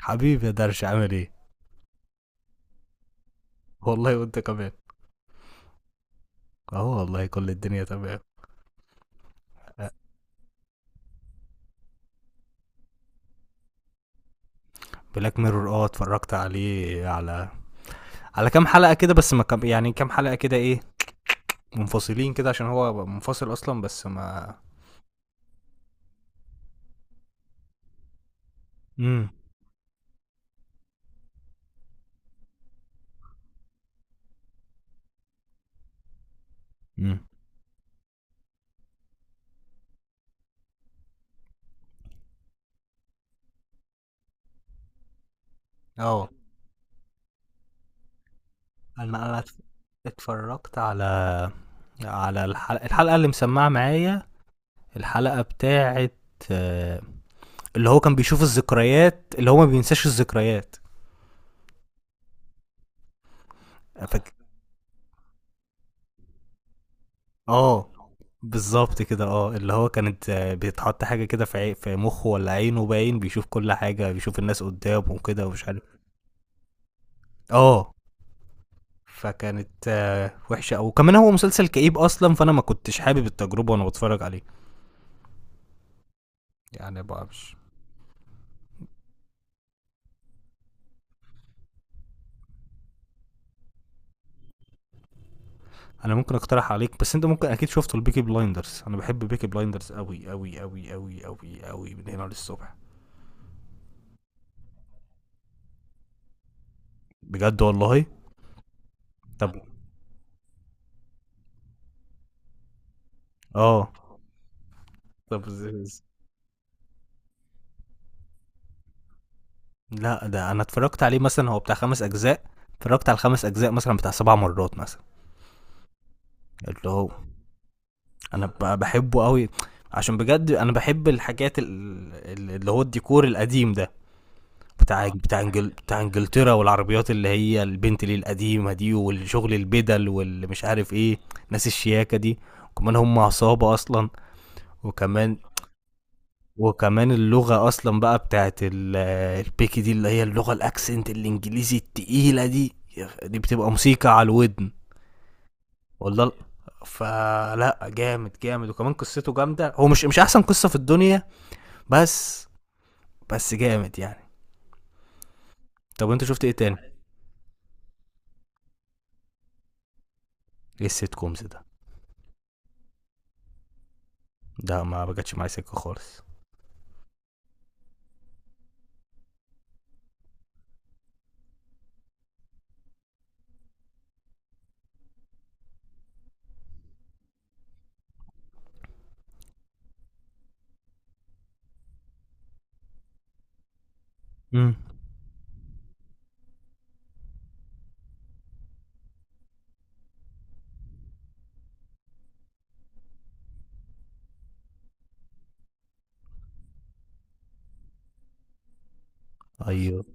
حبيبي يا درش عامل ايه. والله وانت كمان. اهو والله كل الدنيا تمام. بلاك ميرور، اه اتفرجت عليه، على على كام حلقه كده، بس ما كم، يعني كام حلقه كده ايه، منفصلين كده عشان هو منفصل اصلا، بس ما امم امم اه انا انا اتف- اتفرجت على على الحلقه اللي مسمعه معايا، الحلقه بتاعه آه، اللي هو كان بيشوف الذكريات، اللي هو ما بينساش الذكريات. فاك- اه بالظبط كده، اه اللي هو كانت، بيتحط حاجة كده في في مخه ولا عينه باين، بيشوف كل حاجة، بيشوف الناس قدامه وكده ومش عارف. اه فكانت وحشة أوي، وكمان هو مسلسل كئيب أصلا، فأنا ما كنتش حابب التجربة وأنا بتفرج عليه. يعني بقى مش. أنا ممكن أقترح عليك، بس أنت ممكن أكيد شفته البيكي بلايندرز، أنا بحب بيكي بلايندرز أوي أوي أوي أوي أوي أوي، من هنا للصبح. بجد والله. طب اه. طب لا، ده انا اتفرجت عليه مثلا، هو بتاع خمس اجزاء، اتفرجت على الخمس اجزاء مثلا بتاع سبع مرات مثلا. اللي هو بحبه قوي، عشان بجد انا بحب الحاجات اللي هو الديكور القديم ده، بتاع بتاع انجلترا، والعربيات اللي هي، البنت اللي القديمه دي، والشغل البدل، واللي مش عارف ايه، ناس الشياكه دي. وكمان هم عصابه اصلا. وكمان وكمان اللغة أصلا بقى بتاعت البيكي دي، اللي هي اللغة، الأكسنت الإنجليزي التقيلة دي، دي بتبقى موسيقى على الودن. والله فلا جامد جامد، وكمان قصته جامدة، هو مش مش أحسن قصة في الدنيا، بس بس جامد يعني. طب أنت شفت إيه تاني؟ إيه السيت كومز ده؟ ده ما بجتش معايا سكة خالص. امم. أيوه.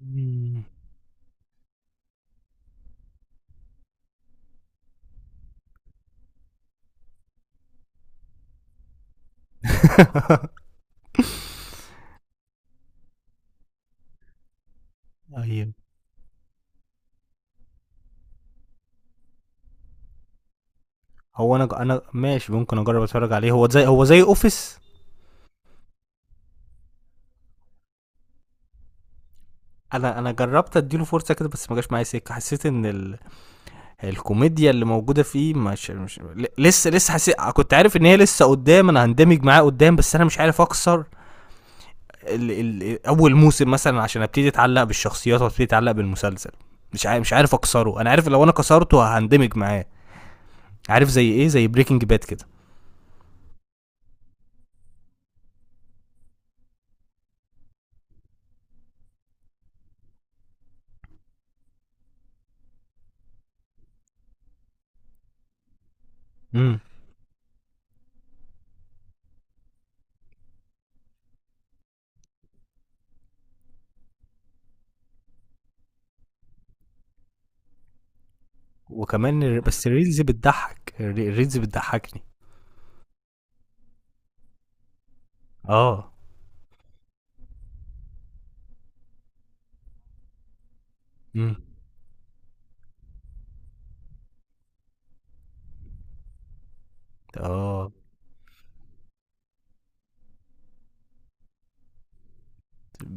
مم. ايوه. هو انا انا ماشي ممكن اجرب اتفرج عليه، هو زي هو زي اوفيس. انا انا جربت اديله فرصه كده، بس ما جاش معايا سكه، حسيت ان ال، الكوميديا اللي موجوده فيه مش، مش، لسه لسه حسيت، كنت عارف ان هي لسه قدام، انا هندمج معاه قدام، بس انا مش عارف اكسر ال، ال، اول موسم مثلا، عشان ابتدي اتعلق بالشخصيات وابتدي اتعلق بالمسلسل. مش عارف مش عارف اكسره، انا عارف لو انا كسرته هندمج معاه. عارف زي ايه؟ زي بريكنج باد كده. امم. وكمان بس الريلز بتضحك، الريلز بتضحكني. اه. امم. اه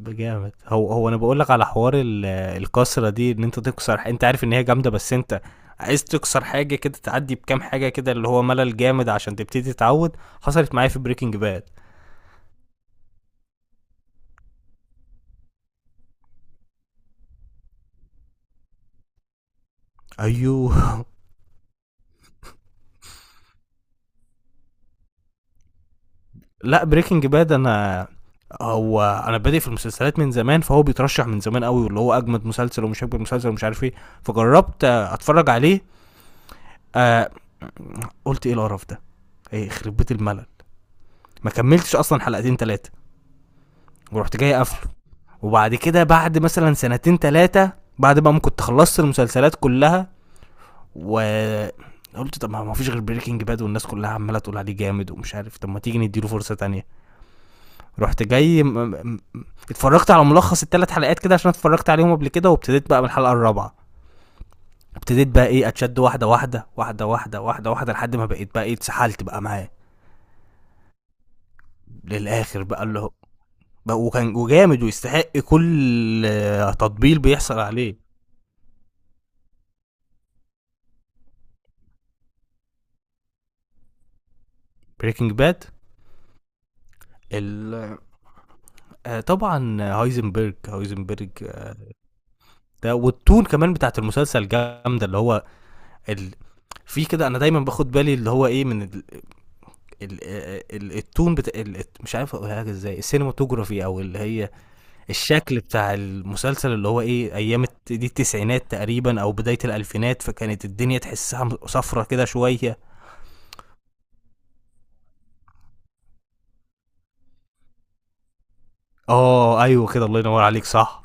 جامد. هو هو انا بقول لك على حوار الكسره دي، ان انت تكسر انت عارف ان هي جامده، بس انت عايز تكسر حاجه كده، تعدي بكام حاجه كده اللي هو ملل جامد عشان تبتدي تتعود. حصلت معايا في بريكنج باد. ايوه. لا بريكنج باد انا، هو انا بادئ في المسلسلات من زمان، فهو بيترشح من زمان قوي، واللي هو اجمد مسلسل، ومش اجمد مسلسل، ومش عارف ايه. فجربت اتفرج عليه. آه قلت ايه القرف ده، ايه يخرب بيت الملل. ما كملتش اصلا حلقتين ثلاثه، ورحت جاي قافله. وبعد كده بعد مثلا سنتين تلاتة، بعد بقى ما كنت خلصت المسلسلات كلها، و قلت طب ما فيش غير بريكنج باد، والناس كلها عماله تقول عليه جامد ومش عارف، طب ما تيجي نديله فرصه تانية. رحت جاي اتفرجت على ملخص الثلاث حلقات كده، عشان اتفرجت عليهم قبل كده، وابتديت بقى من الحلقه الرابعه. ابتديت بقى ايه، اتشد واحده واحده واحده واحده واحده واحده، لحد ما بقيت بقى ايه اتسحلت بقى معاه للاخر بقى اللي هو، بقى وكان وجامد، ويستحق كل تطبيل بيحصل عليه. بريكنج باد، ال، طبعا هايزنبرج، هايزنبرج. ده والتون كمان بتاعت المسلسل جامده، اللي هو ال، في كده انا دايما باخد بالي، اللي هو ايه، من التون بتاع ال، مش عارف اقولها لك ازاي، السينماتوجرافي، او اللي هي الشكل بتاع المسلسل، اللي هو ايه ايام دي التسعينات تقريبا او بدايه الالفينات، فكانت الدنيا تحسها صفرة كده شويه. اه ايوه كده، الله ينور عليك، صح.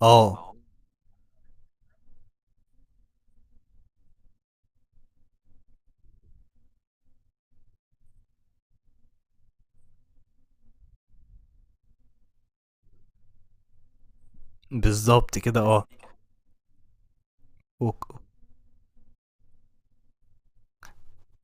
اه بالظبط كده اه. وك-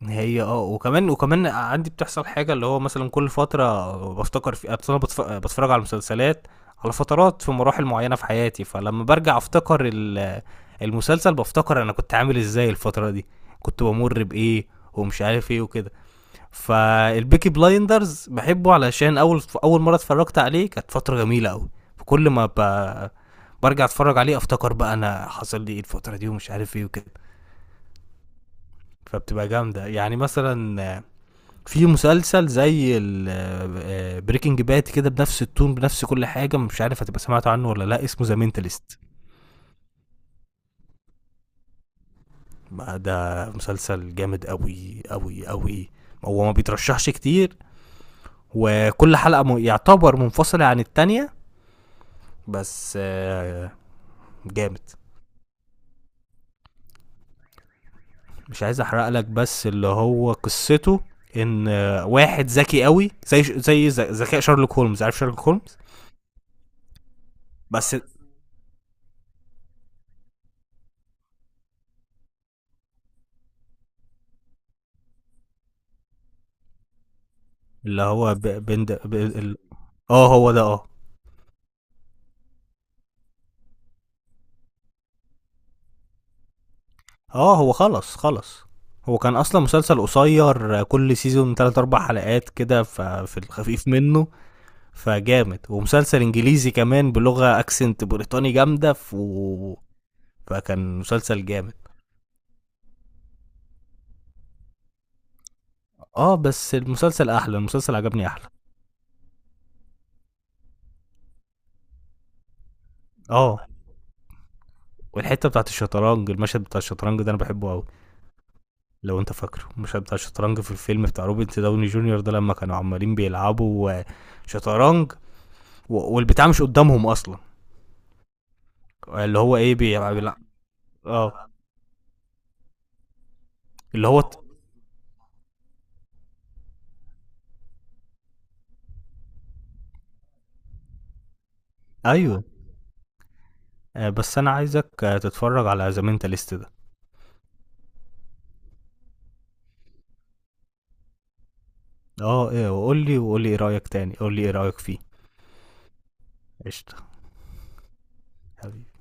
هي اه، وكمان وكمان عندي بتحصل حاجة اللي هو مثلا كل فترة بفتكر، في أصل أنا بتفرج على مسلسلات على فترات في مراحل معينة في حياتي، فلما برجع أفتكر المسلسل، بفتكر أنا كنت عامل إزاي الفترة دي، كنت بمر بإيه، ومش عارف إيه وكده. فالبيكي بلايندرز بحبه علشان أول أول مرة اتفرجت عليه كانت فترة جميلة أوي، فكل ما ب... برجع أتفرج عليه أفتكر بقى أنا حصل لي إيه الفترة دي، ومش عارف إيه وكده. فبتبقى جامدة يعني. مثلا في مسلسل زي بريكنج باد كده، بنفس التون، بنفس كل حاجه، مش عارف هتبقى سمعت عنه ولا لا، اسمه ذا مينتاليست. ده مسلسل جامد قوي قوي قوي، هو ما بيترشحش كتير، وكل حلقه يعتبر منفصله عن التانية، بس جامد. مش عايز احرق لك، بس اللي هو قصته ان واحد ذكي قوي، زي ذكاء شارلوك هولمز. عارف شارلوك هولمز؟ بس اللي هو اه هو ده اه. اه هو خلص خلص، هو كان اصلا مسلسل قصير، كل سيزون 3 4 حلقات كده، في الخفيف منه، فجامد، ومسلسل انجليزي كمان، بلغة اكسنت بريطاني جامدة ف، فكان مسلسل جامد. اه بس المسلسل احلى، المسلسل عجبني احلى. اه والحتة بتاعت الشطرنج، المشهد بتاع الشطرنج ده انا بحبه قوي. لو انت فاكره المشهد بتاع الشطرنج في الفيلم بتاع روبرت داوني جونيور ده، لما كانوا عمالين بيلعبوا شطرنج، و- والبتاع مش قدامهم اصلا، اللي هو ايه اه، اللي هو ايوه بس انا عايزك تتفرج على ذا مينتاليست ده. اه، ايه؟ وقول لي، وقول لي ايه رايك تاني، قول لي ايه رايك فيه. قشطه. حبيبي.